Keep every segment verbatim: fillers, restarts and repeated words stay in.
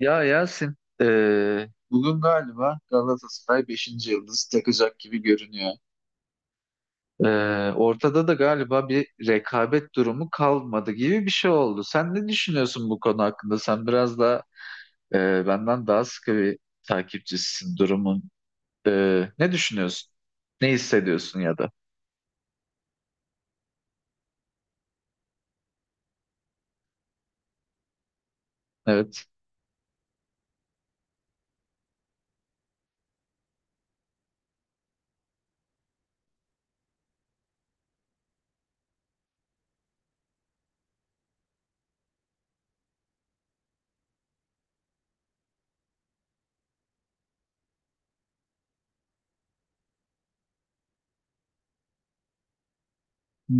Ya Yasin, eee, bugün galiba Galatasaray beşinci yıldız takacak gibi görünüyor. Eee, ortada da galiba bir rekabet durumu kalmadı gibi bir şey oldu. Sen ne düşünüyorsun bu konu hakkında? Sen biraz da eee, benden daha sıkı bir takipçisisin durumun. Eee, ne düşünüyorsun? Ne hissediyorsun ya da? Evet.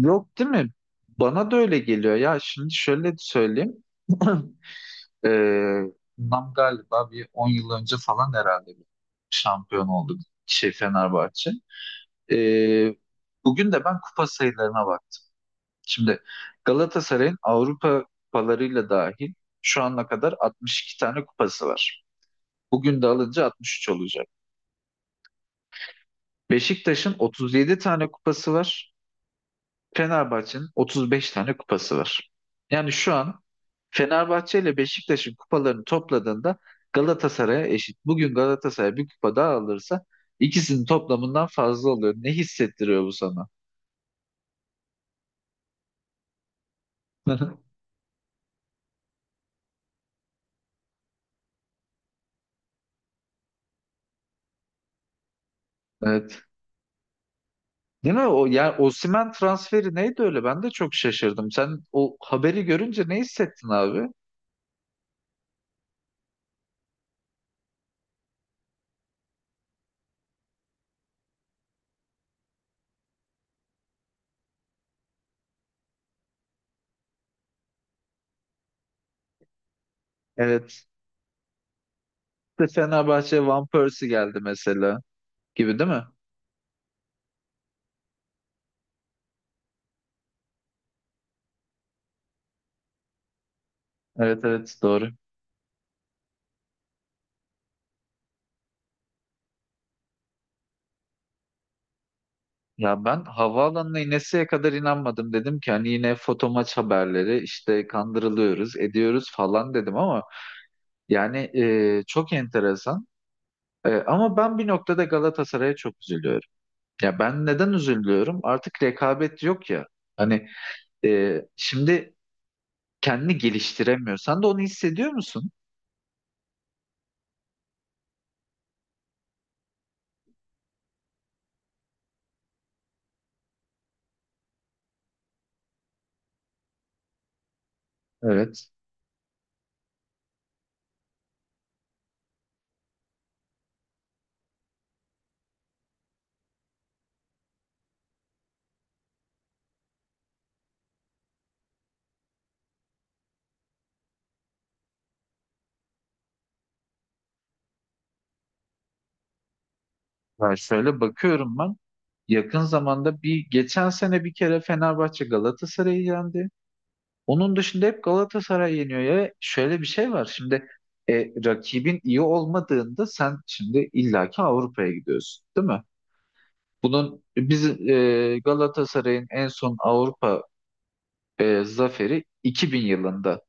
Yok değil mi? Bana da öyle geliyor. Ya şimdi şöyle söyleyeyim. Ee, bundan galiba bir on yıl önce falan herhalde bir şampiyon olduk şey Fenerbahçe. Ee, bugün de ben kupa sayılarına baktım. Şimdi Galatasaray'ın Avrupa kupalarıyla dahil şu ana kadar altmış iki tane kupası var. Bugün de alınca altmış üç olacak. Beşiktaş'ın otuz yedi tane kupası var. Fenerbahçe'nin otuz beş tane kupası var. Yani şu an Fenerbahçe ile Beşiktaş'ın kupalarını topladığında Galatasaray'a eşit. Bugün Galatasaray bir kupa daha alırsa ikisinin toplamından fazla oluyor. Ne hissettiriyor bu sana? Evet. Değil mi? O yani Osimhen transferi neydi öyle? Ben de çok şaşırdım. Sen o haberi görünce ne hissettin abi? Evet. İşte Fenerbahçe Van Persie geldi mesela gibi değil mi? Evet, evet, doğru. Ya ben havaalanına ineseye kadar inanmadım. Dedim ki hani yine foto maç haberleri işte kandırılıyoruz ediyoruz falan dedim ama yani e, çok enteresan. E, ama ben bir noktada Galatasaray'a çok üzülüyorum. Ya ben neden üzülüyorum? Artık rekabet yok ya. Hani e, şimdi kendini geliştiremiyor. Sen de onu hissediyor musun? Evet. Ya şöyle bakıyorum ben. Yakın zamanda bir geçen sene bir kere Fenerbahçe Galatasaray'ı yendi. Onun dışında hep Galatasaray yeniyor ya. Şöyle bir şey var. Şimdi e, rakibin iyi olmadığında sen şimdi illaki Avrupa'ya gidiyorsun, değil mi? Bunun biz e, Galatasaray'ın en son Avrupa e, zaferi iki bin yılında.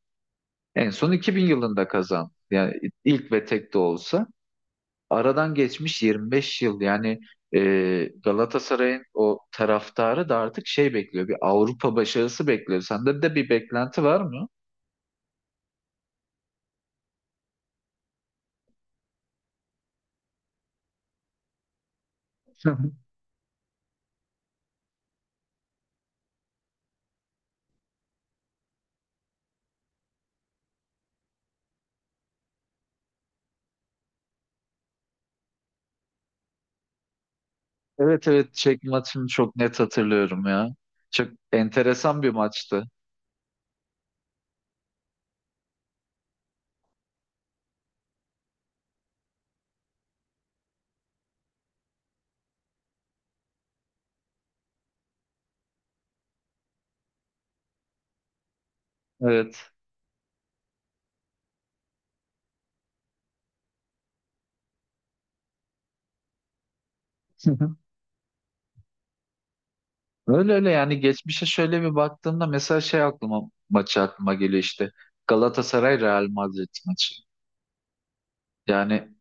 En son iki bin yılında kazandı. Yani ilk ve tek de olsa. aradan geçmiş yirmi beş yıl yani e, Galatasaray'ın o taraftarı da artık şey bekliyor, bir Avrupa başarısı bekliyor. Sende de bir beklenti var mı? Evet, evet, Çek maçını çok net hatırlıyorum ya. Çok enteresan bir maçtı. Evet. Öyle öyle yani geçmişe şöyle bir baktığımda mesela şey aklıma maçı aklıma geliyor işte, Galatasaray Real Madrid maçı. Yani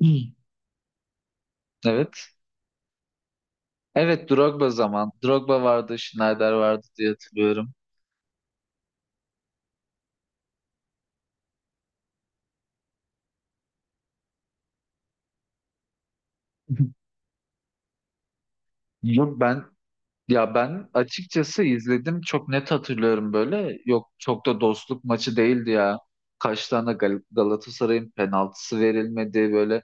Hı. Evet. Evet Drogba zaman. Drogba vardı, Schneider vardı diye hatırlıyorum. Yok ben ya ben açıkçası izledim, çok net hatırlıyorum böyle. Yok, çok da dostluk maçı değildi ya, kaç tane Gal- Galatasaray'ın penaltısı verilmedi böyle.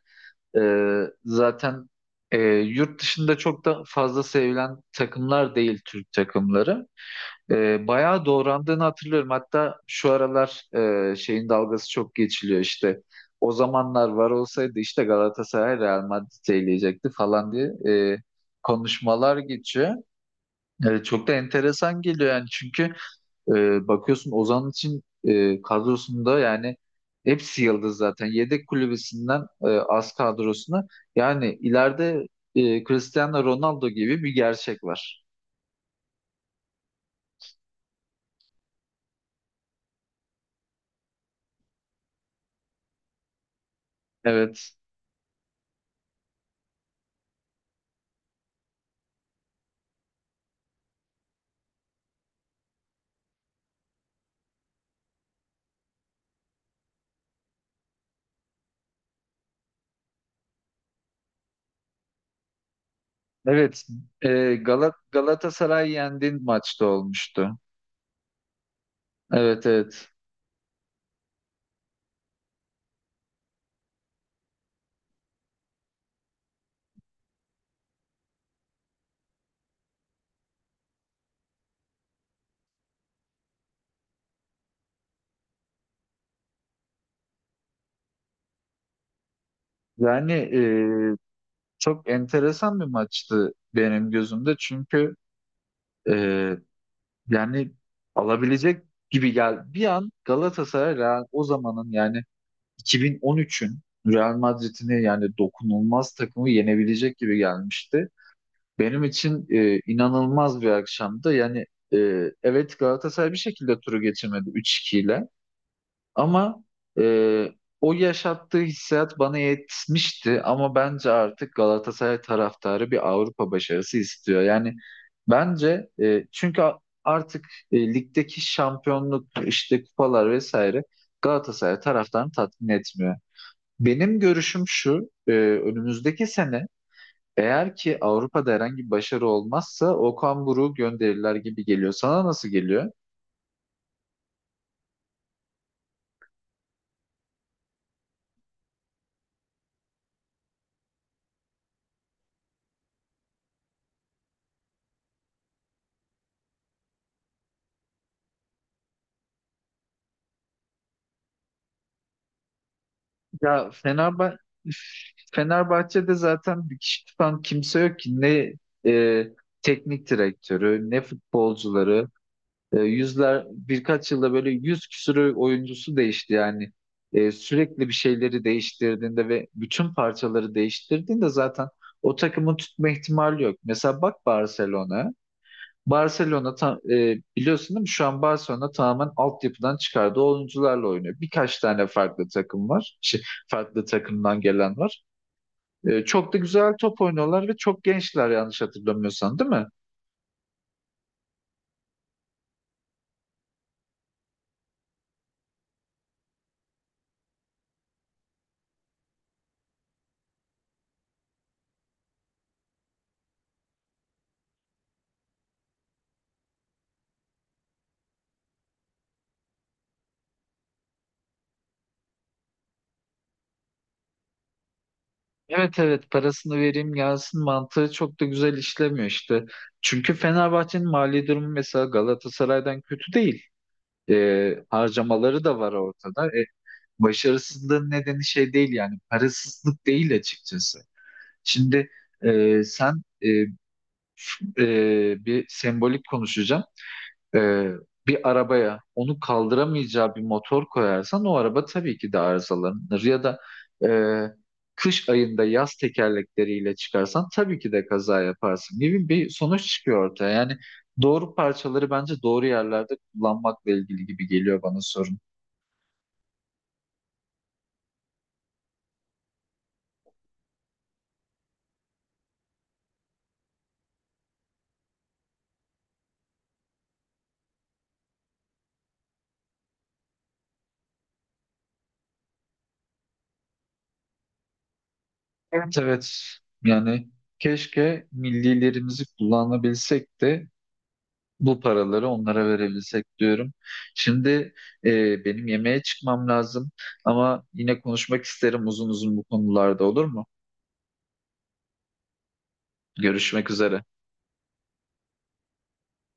Ee, zaten e, yurt dışında çok da fazla sevilen takımlar değil Türk takımları. Ee, bayağı doğrandığını hatırlıyorum, hatta şu aralar e, şeyin dalgası çok geçiliyor işte, o zamanlar var olsaydı işte Galatasaray Real Madrid'i eleyecekti falan diye e, konuşmalar geçiyor. Evet, çok da enteresan geliyor yani, çünkü e, bakıyorsun Ozan için e, kadrosunda yani hepsi yıldız zaten. Yedek kulübesinden e, az kadrosuna yani ileride e, Cristiano Ronaldo gibi bir gerçek var. Evet. Evet. E, Galat Galatasaray yendiğin maçta olmuştu. Evet, evet. Yani e, çok enteresan bir maçtı benim gözümde, çünkü e, Yani alabilecek gibi gel. Bir an Galatasaray Real, o zamanın yani iki bin on üçün Real Madrid'ini yani dokunulmaz takımı yenebilecek gibi gelmişti. Benim için e, inanılmaz bir akşamdı. Yani e, evet Galatasaray bir şekilde turu geçirmedi üç iki ile. Ama e, o yaşattığı hissiyat bana yetmişti, ama bence artık Galatasaray taraftarı bir Avrupa başarısı istiyor. Yani bence e, çünkü a- artık e, ligdeki şampiyonluk, işte kupalar vesaire Galatasaray taraftarını tatmin etmiyor. Benim görüşüm şu, e, önümüzdeki sene eğer ki Avrupa'da herhangi bir başarı olmazsa Okan Buruk'u gönderirler gibi geliyor. Sana nasıl geliyor? Ya Fenerbahçe Fenerbahçe'de zaten bir kişi tutan kimse yok ki, ne e, teknik direktörü ne futbolcuları. E, yüzler birkaç yılda böyle yüz küsürü oyuncusu değişti yani. E, sürekli bir şeyleri değiştirdiğinde ve bütün parçaları değiştirdiğinde zaten o takımı tutma ihtimali yok. Mesela bak Barcelona. Barcelona ta- e, biliyorsun değil mi? Şu an Barcelona tamamen altyapıdan çıkardığı oyuncularla oynuyor. Birkaç tane farklı takım var. Şey, farklı takımdan gelen var. E, çok da güzel top oynuyorlar ve çok gençler, yanlış hatırlamıyorsan değil mi? Evet, evet, parasını vereyim gelsin mantığı çok da güzel işlemiyor işte. Çünkü Fenerbahçe'nin mali durumu mesela Galatasaray'dan kötü değil. E, harcamaları da var ortada. E, başarısızlığın nedeni şey değil yani, parasızlık değil açıkçası. Şimdi e, sen e, f- e, bir sembolik konuşacağım. E, bir arabaya onu kaldıramayacağı bir motor koyarsan o araba tabii ki de arızalanır. Ya da e, kış ayında yaz tekerlekleriyle çıkarsan tabii ki de kaza yaparsın gibi bir sonuç çıkıyor ortaya. Yani doğru parçaları bence doğru yerlerde kullanmakla ilgili gibi geliyor bana sorun. Evet, evet, yani keşke millilerimizi kullanabilsek de bu paraları onlara verebilsek diyorum. Şimdi e, benim yemeğe çıkmam lazım, ama yine konuşmak isterim uzun uzun bu konularda, olur mu? Görüşmek üzere.